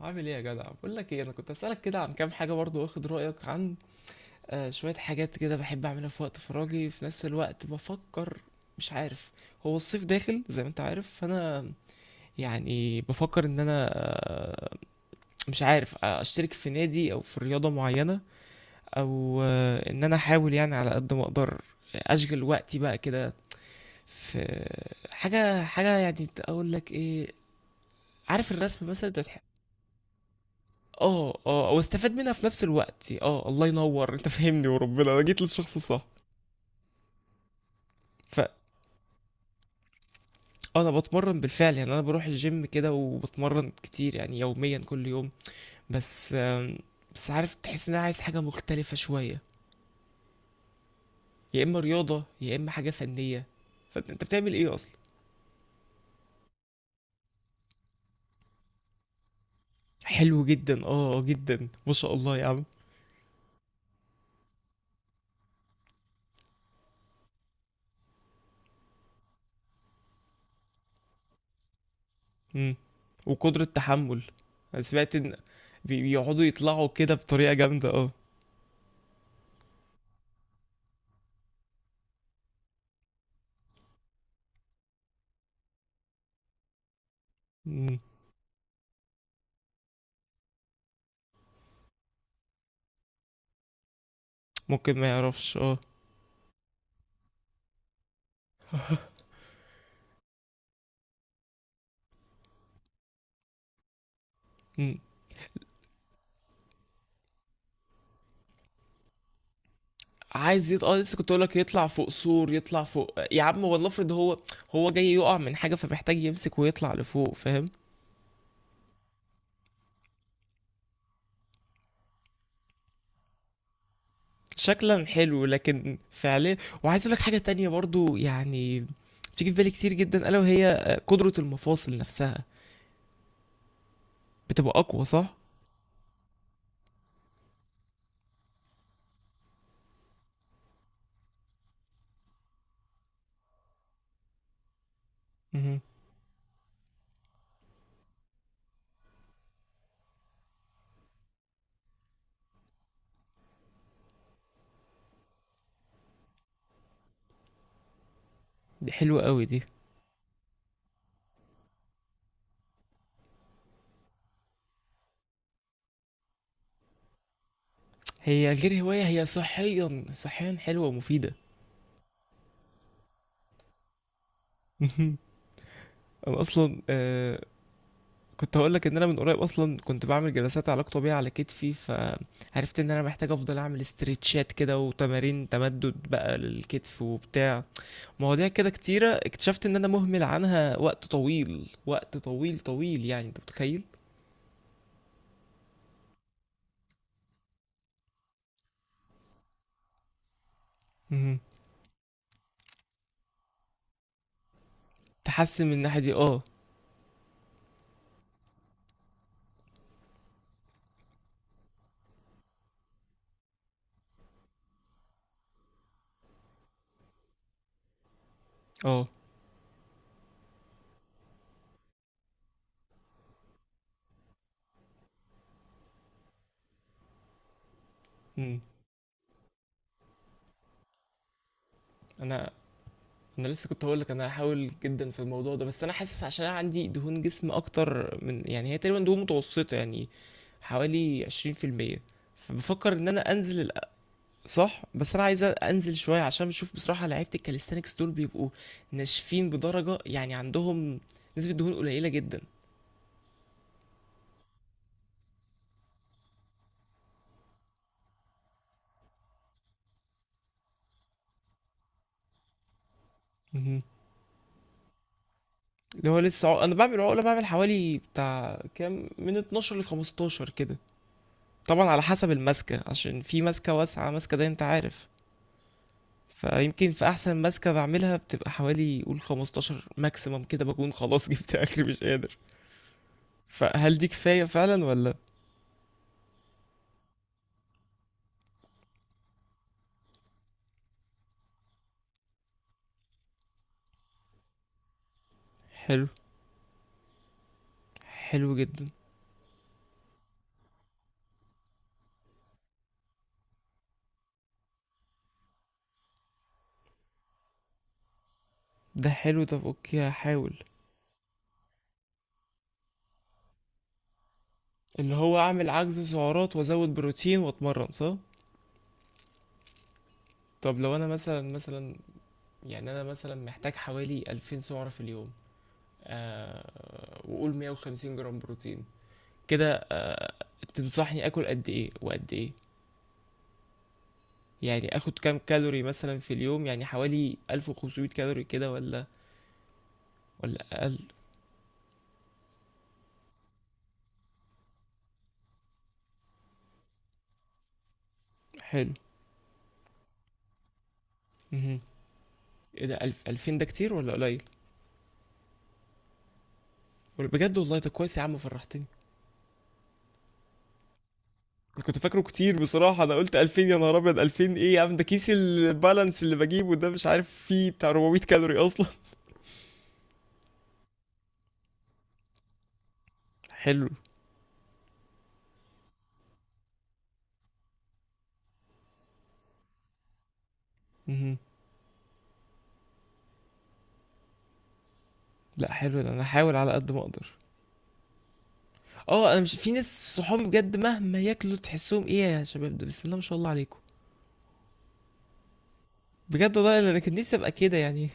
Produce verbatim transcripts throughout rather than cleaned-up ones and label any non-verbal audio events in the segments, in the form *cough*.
عامل ايه يا جدع؟ بقول لك ايه، انا كنت اسالك كده عن كام حاجه برضو، واخد رايك عن آه شويه حاجات كده بحب اعملها في وقت فراغي، في نفس الوقت بفكر. مش عارف. هو الصيف داخل زي ما انت عارف، فانا يعني بفكر ان انا آه مش عارف، آه، اشترك في نادي او في رياضه معينه، او آه ان انا احاول يعني على قد ما اقدر اشغل وقتي بقى كده في حاجه. حاجه يعني اقول لك ايه، عارف الرسم مثلا انت. اه، اه، واستفاد منها في نفس الوقت. اه، الله ينور، انت فهمني وربنا، انا جيت للشخص الصح. فانا بتمرن بالفعل، يعني انا بروح الجيم كده وبتمرن كتير يعني، يوميا كل يوم. بس آم، بس عارف، تحس ان انا عايز حاجه مختلفه شويه، يا اما رياضه يا اما حاجه فنيه. فانت بتعمل ايه اصلا؟ حلو جدا، اه، آه، جدا، ما شاء الله يا عم. امم. وقدره تحمل. انا سمعت ان بي- بيقعدوا يطلعوا كده بطريقه جامده، اه. مم. ممكن ما يعرفش، اه. مم. عايز يط... اه، لسه كنت اقول لك يطلع فوق سور، يطلع فوق يا عم. هو افرض هو هو جاي يقع من حاجه، فمحتاج يمسك ويطلع لفوق، فاهم؟ شكلا حلو لكن فعليا. وعايز اقول لك حاجه تانية برضو، يعني بتيجي في بالي كتير جدا، الا وهي آه، قدره المفاصل نفسها بتبقى اقوى، صح؟ مهم. دي حلوه قوي دي، هي غير هوايه، هي صحيا، صحيا حلوه ومفيده. *laughs* مهم. انا اصلا آه، كنت هقول لك ان انا من قريب اصلا كنت بعمل جلسات علاج طبيعي على كتفي، فعرفت ان انا محتاج افضل اعمل استرتشات كده وتمارين تمدد بقى للكتف وبتاع مواضيع كده كتيرة، اكتشفت ان انا مهمل عنها وقت طويل، وقت طويل طويل، يعني انت متخيل؟ مهم. تحسن من الناحية دي، اه. اه. مم. انا انا لسه كنت هقول لك، انا هحاول جدا في الموضوع ده، بس انا حاسس عشان انا عندي دهون جسم اكتر من، يعني هي تقريبا دهون متوسطة يعني، حوالي عشرين بالمية. فبفكر ان انا انزل. صح. بس انا عايز انزل شويه، عشان بشوف بصراحه لعيبه الكاليستانكس دول بيبقوا ناشفين بدرجه يعني، عندهم نسبه دهون قليله جدا. مهم. اللي هو لسه عق... انا بعمل عقله، بعمل حوالي بتاع كام، من اتناشر ل خمستاشر كده. طبعا على حسب الماسكه، عشان في ماسكه واسعه، ماسكه ده انت عارف. فيمكن في احسن ماسكه بعملها بتبقى حوالي قول خمستاشر ماكسيمم كده، بكون خلاص *laughs* جبت اخري مش قادر. فهل دي كفايه فعلا ولا؟ حلو، حلو جدا. ده حلو، طب اوكي هحاول. اللي هو اعمل عجز سعرات وازود بروتين واتمرن، صح؟ طب لو انا مثلا مثلا، يعني انا مثلا محتاج حوالي 2000 سعرة في اليوم، آه وقول 150 جرام بروتين كده، تنصحني اكل قد ايه وقد ايه؟ يعني اخد كام كالوري مثلا في اليوم؟ يعني حوالي 1500 كالوري كده ولا ولا اقل؟ حلو. مهم. ايه ده، الف، الفين ده كتير ولا قليل؟ ولا بجد؟ والله ده كويس يا عم، فرحتني. كنت فاكره كتير بصراحة، أنا قلت الفين؟ يا نهار أبيض. الفين إيه يا عم؟ ده كيس البالانس اللي بجيبه ده مش عارف فيه بتاع 400 كالوري أصلا. حلو. مهم. لا حلو ده، أنا هحاول على قد ما أقدر. أه، أنا مش، في ناس صحابي بجد مهما ياكلوا تحسهم إيه يا شباب ده، بسم الله ما شاء الله عليكم. بجد والله أنا كان نفسي أبقى كده يعني.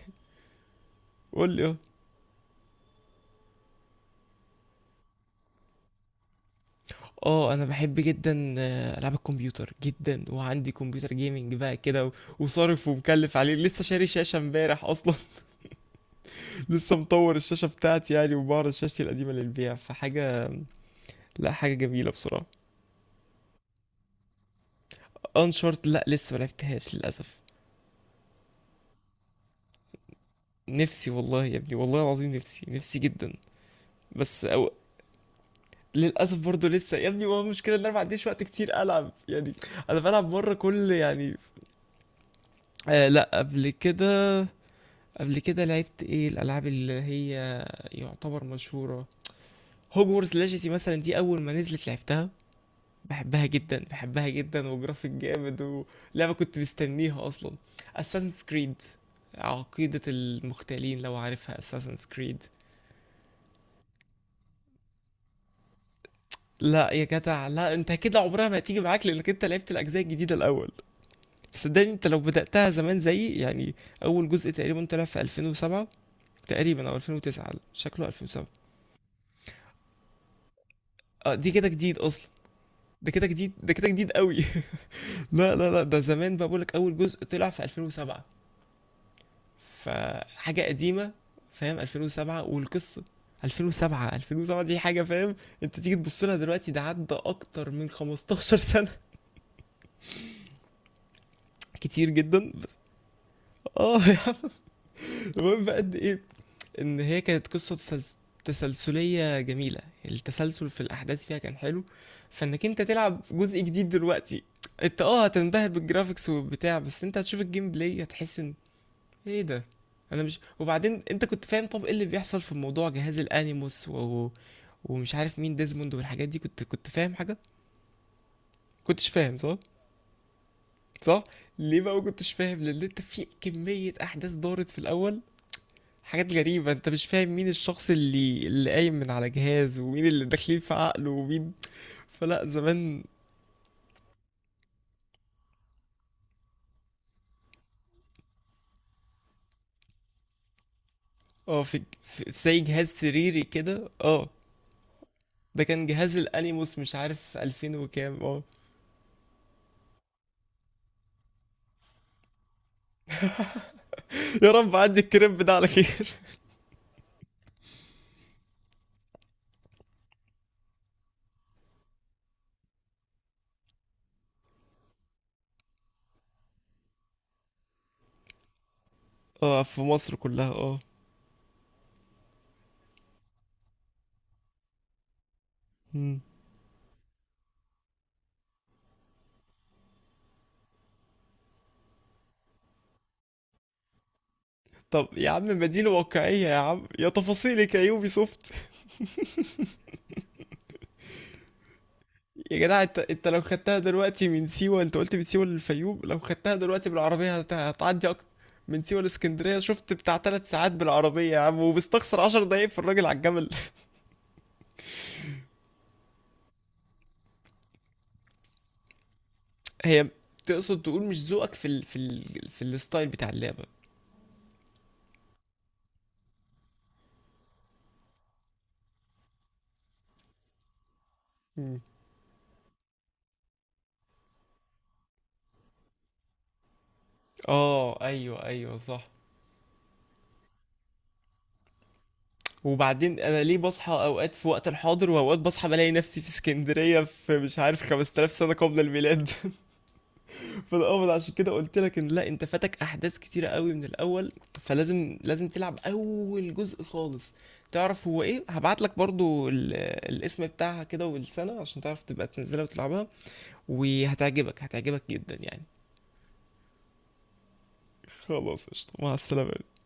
*laughs* قول لي أه. اه انا بحب جدا آه، العاب الكمبيوتر جدا، وعندي كمبيوتر جيمنج بقى كده و- وصارف ومكلف عليه، لسه شاري شاشة امبارح اصلا. لسه مطور الشاشة بتاعتي يعني، وبعرض شاشتي القديمة للبيع، فحاجة. لا، حاجة جميلة بصراحة. انشارت، لا لسه ما لعبتهاش للأسف. نفسي والله يا ابني، والله العظيم، نفسي، نفسي جدا بس. أو للأسف برضه لسه يا ابني، ما هو المشكلة إن أنا ما عنديش وقت كتير ألعب يعني. أنا بلعب مرة كل يعني، آه لا، قبل كده. قبل كده لعبت إيه الألعاب اللي هي يعتبر مشهورة؟ هوجورز ليجاسي مثلا، دي أول ما نزلت لعبتها، بحبها جدا، بحبها جدا وجرافيك جامد. ولعبة كنت مستنيها اصلا، Assassin's Creed، عقيدة المختالين لو عارفها، Assassin's Creed. لا يا جدع، لا انت كده عمرها ما هتيجي معاك، لانك انت لعبت الاجزاء الجديدة الاول. صدقني انت لو بدأتها زمان زيي يعني، اول جزء تقريبا طلع في الفين وسبعه تقريبا، او الفين وتسعه، شكله الفين وسبعه. اه، دي كده جديد اصلا. ده كده جديد، ده كده جديد قوي *laughs* لا لا لا، ده زمان بقى، بقولك اول جزء طلع في الفين وسبعه، فحاجة قديمة، فاهم؟ الفين وسبعه والقصة، الفين وسبعه، الفين وسبعه دي حاجة فاهم. انت تيجي تبص لها دلوقتي، ده عدى اكتر من خمسة عشر سنة سنة *laughs* كتير جدا بس. اه يا عم، المهم بقى قد ايه، ان هي كانت قصة تسلس- تسلسلية جميلة، التسلسل في الاحداث فيها كان حلو. فانك انت تلعب جزء جديد دلوقتي، انت اه هتنبهر بالجرافيكس وبتاع، بس انت هتشوف الجيم بلاي هتحس ان ايه ده. انا مش، وبعدين انت كنت فاهم طب ايه اللي بيحصل في موضوع جهاز الانيموس و... ومش عارف مين ديزموند والحاجات دي، كنت كنت فاهم حاجه، كنتش فاهم صح؟ صح. ليه بقى ما كنتش فاهم؟ لان انت في كميه احداث دارت في الاول، حاجات غريبه، انت مش فاهم مين الشخص اللي اللي قايم من على جهاز، ومين اللي داخلين في عقله، ومين، فلا زمان. اه، في في في زي جهاز سريري كده، اه، ده كان جهاز الانيموس، مش عارف الفين وكام، اه. *laughs* يا رب عدي الكريب ده على خير. اه في مصر كلها، اه. مم. طب يا عم، مدينة واقعية يا عم، يا تفاصيلك يا يوبي سوفت. يا جدع، انت انت لو خدتها دلوقتي من سيوة، انت قلت من سيوة للفيوم، لو خدتها دلوقتي بالعربية هت- هتعدي، اكتر من سيوة لاسكندرية شفت، بتاع ثلاث ساعات بالعربية يا عم، وبستخسر عشر دقايق في الراجل على الجمل. *laughs* هي، تقصد تقول مش ذوقك في ال... في ال... في الستايل بتاع اللعبة. مم. اه ايوه ايوه صح. وبعدين انا ليه بصحى اوقات في وقت الحاضر، واوقات بصحى بلاقي نفسي في اسكندرية في، مش عارف، خمس تلاف سنه سنة قبل الميلاد. *laughs* فالاول عشان كده قلت لك ان لا، انت فاتك احداث كتيرة قوي من الاول، فلازم لازم تلعب اول جزء خالص. تعرف هو ايه، هبعت لك برضو ال- الاسم بتاعها كده والسنة، عشان تعرف تبقى تنزلها وتلعبها، وهتعجبك، هتعجبك جدا يعني. خلاص قشطة، مع السلامة.